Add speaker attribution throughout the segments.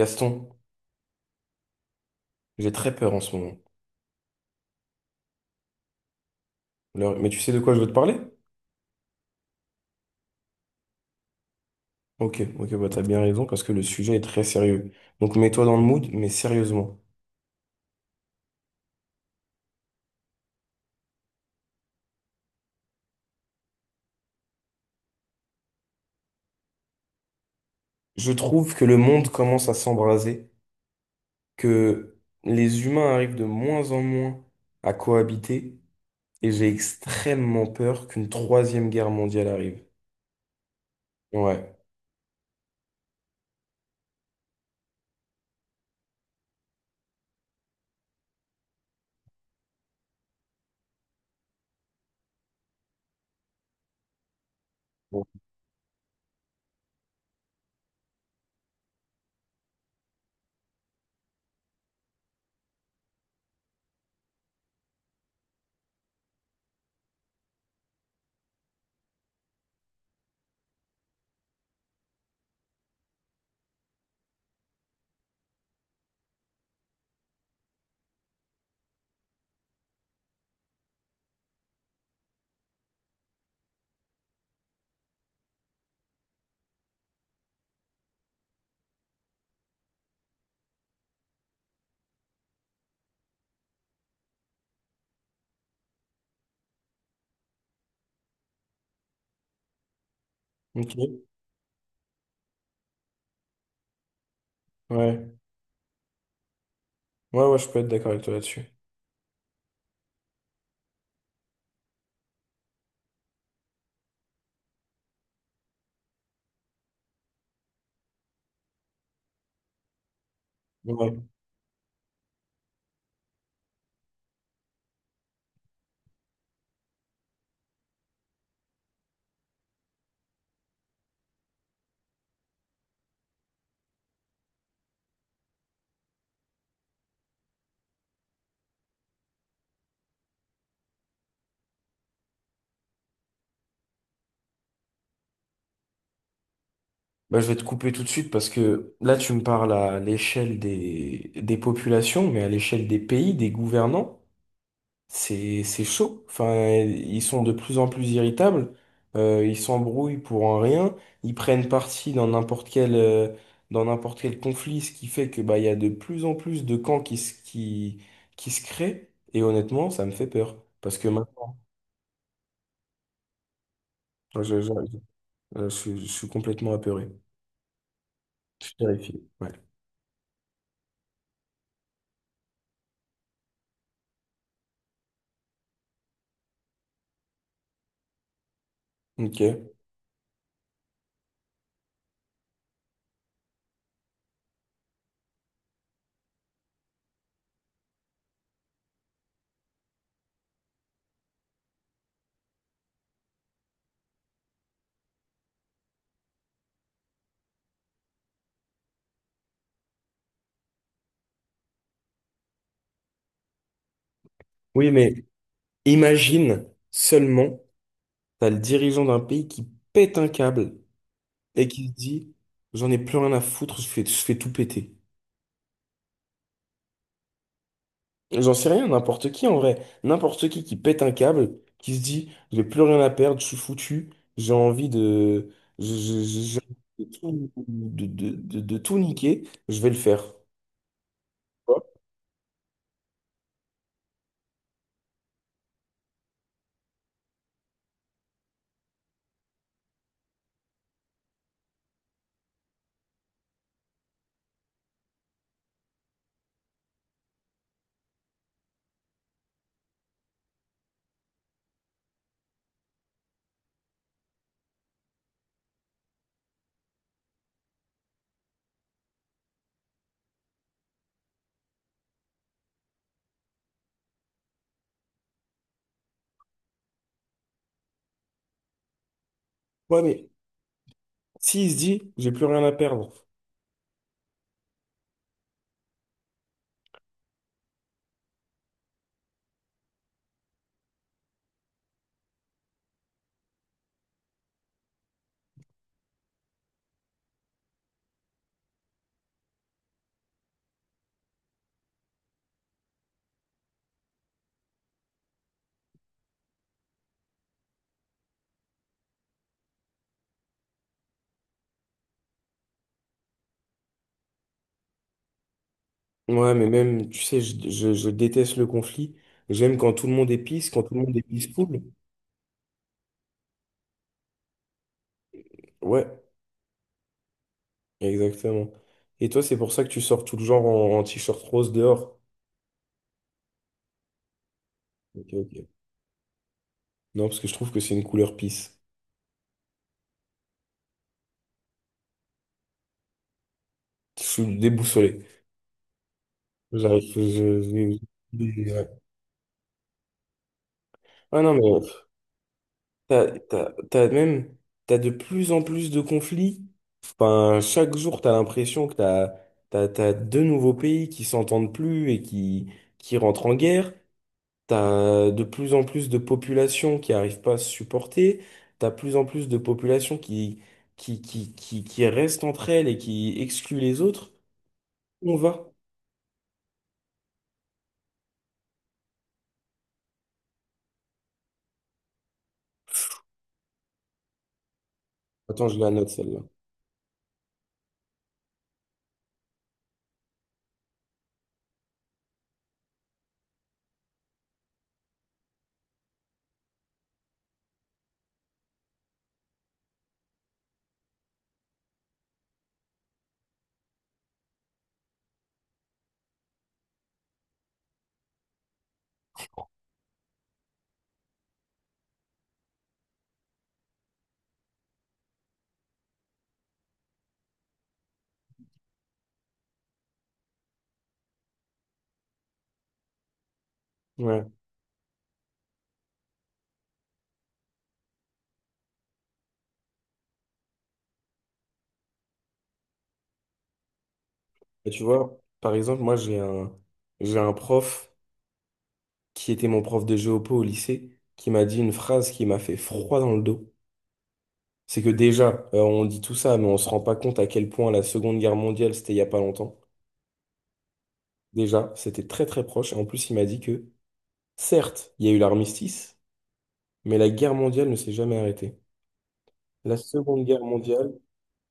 Speaker 1: Gaston, j'ai très peur en ce moment. Mais tu sais de quoi je veux te parler? Ok, ok, bah t'as bien raison parce que le sujet est très sérieux. Donc mets-toi dans le mood, mais sérieusement. Je trouve que le monde commence à s'embraser, que les humains arrivent de moins en moins à cohabiter, et j'ai extrêmement peur qu'une troisième guerre mondiale arrive. Ouais. Bon. Ok. Ouais. Ouais, ouais, je peux être d'accord avec toi là-dessus. Ouais. Bah, je vais te couper tout de suite parce que là, tu me parles à l'échelle des populations, mais à l'échelle des pays, des gouvernants, c'est chaud. Enfin, ils sont de plus en plus irritables, ils s'embrouillent pour un rien, ils prennent parti dans n'importe quel conflit, ce qui fait que bah, il y a de plus en plus de camps qui se créent. Et honnêtement, ça me fait peur parce que maintenant, je, je, je, je suis complètement apeuré. Je suis terrifié. Ouais. Ok. Oui, mais. Imagine seulement, t'as le dirigeant d'un pays qui pète un câble et qui se dit, j'en ai plus rien à foutre, je fais tout péter. J'en sais rien, n'importe qui en vrai. N'importe qui pète un câble, qui se dit, j'ai plus rien à perdre, je suis foutu, j'ai envie de, j'ai envie de tout, de tout niquer, je vais le faire. Ouais, ouais, mais s'il se dit, j'ai plus rien à perdre. Ouais, mais même, tu sais, je déteste le conflit. J'aime quand tout le monde est peace, quand tout le monde est peaceful. Ouais, exactement. Et toi, c'est pour ça que tu sors tout le genre en, en t-shirt rose dehors? Ok, ok. Non, parce que je trouve que c'est une couleur peace. Je suis déboussolé. J'arrive. Ouais. Ah non, mais t'as même, t'as de plus en plus de conflits. Enfin, chaque jour, t'as l'impression que t'as deux nouveaux pays qui s'entendent plus et qui rentrent en guerre. T'as de plus en plus de populations qui arrivent pas à se supporter. T'as de plus en plus de populations qui restent entre elles et qui excluent les autres. Où on va. Attends, je la note celle-là. Ouais. Et tu vois, par exemple, j'ai un prof qui était mon prof de géopo au lycée qui m'a dit une phrase qui m'a fait froid dans le dos. C'est que déjà, on dit tout ça, mais on se rend pas compte à quel point la Seconde Guerre mondiale, c'était il y a pas longtemps. Déjà, c'était très très proche. Et en plus, il m'a dit que, certes, il y a eu l'armistice, mais la guerre mondiale ne s'est jamais arrêtée. La Seconde Guerre mondiale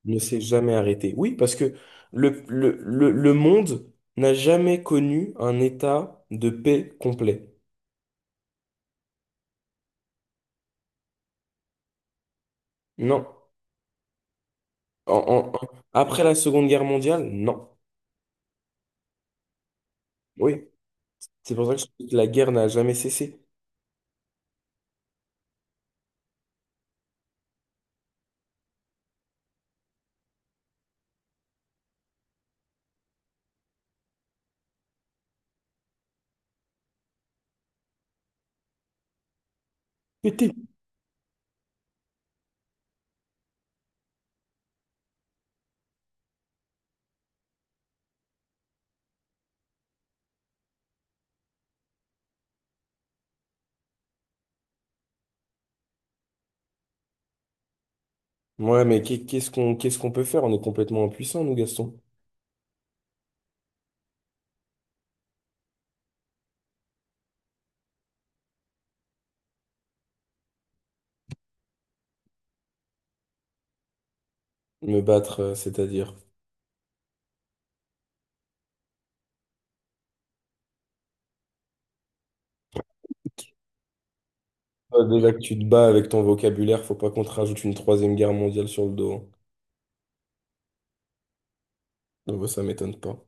Speaker 1: ne s'est jamais arrêtée. Oui, parce que le monde n'a jamais connu un état de paix complet. Non. En- en- en- Après la Seconde Guerre mondiale, non. Oui. C'est pour ça que je dis que la guerre n'a jamais cessé. Pété. Ouais, mais qu'est-ce qu'on peut faire? On est complètement impuissants, nous, Gaston. Me battre, c'est-à-dire. Déjà que tu te bats avec ton vocabulaire, faut pas qu'on te rajoute une troisième guerre mondiale sur le dos, hein. Donc ouais, ça m'étonne pas.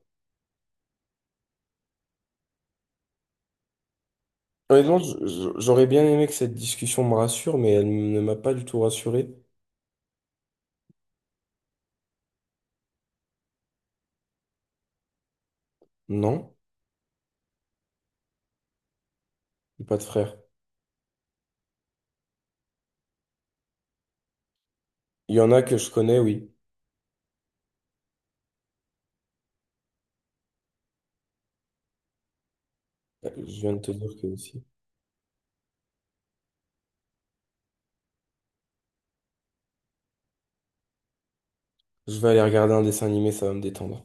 Speaker 1: Honnêtement, j'aurais bien aimé que cette discussion me rassure, mais elle ne m'a pas du tout rassuré. Non, j'ai pas de frère. Il y en a que je connais, oui. Je viens de te dire que aussi. Je vais aller regarder un dessin animé, ça va me détendre.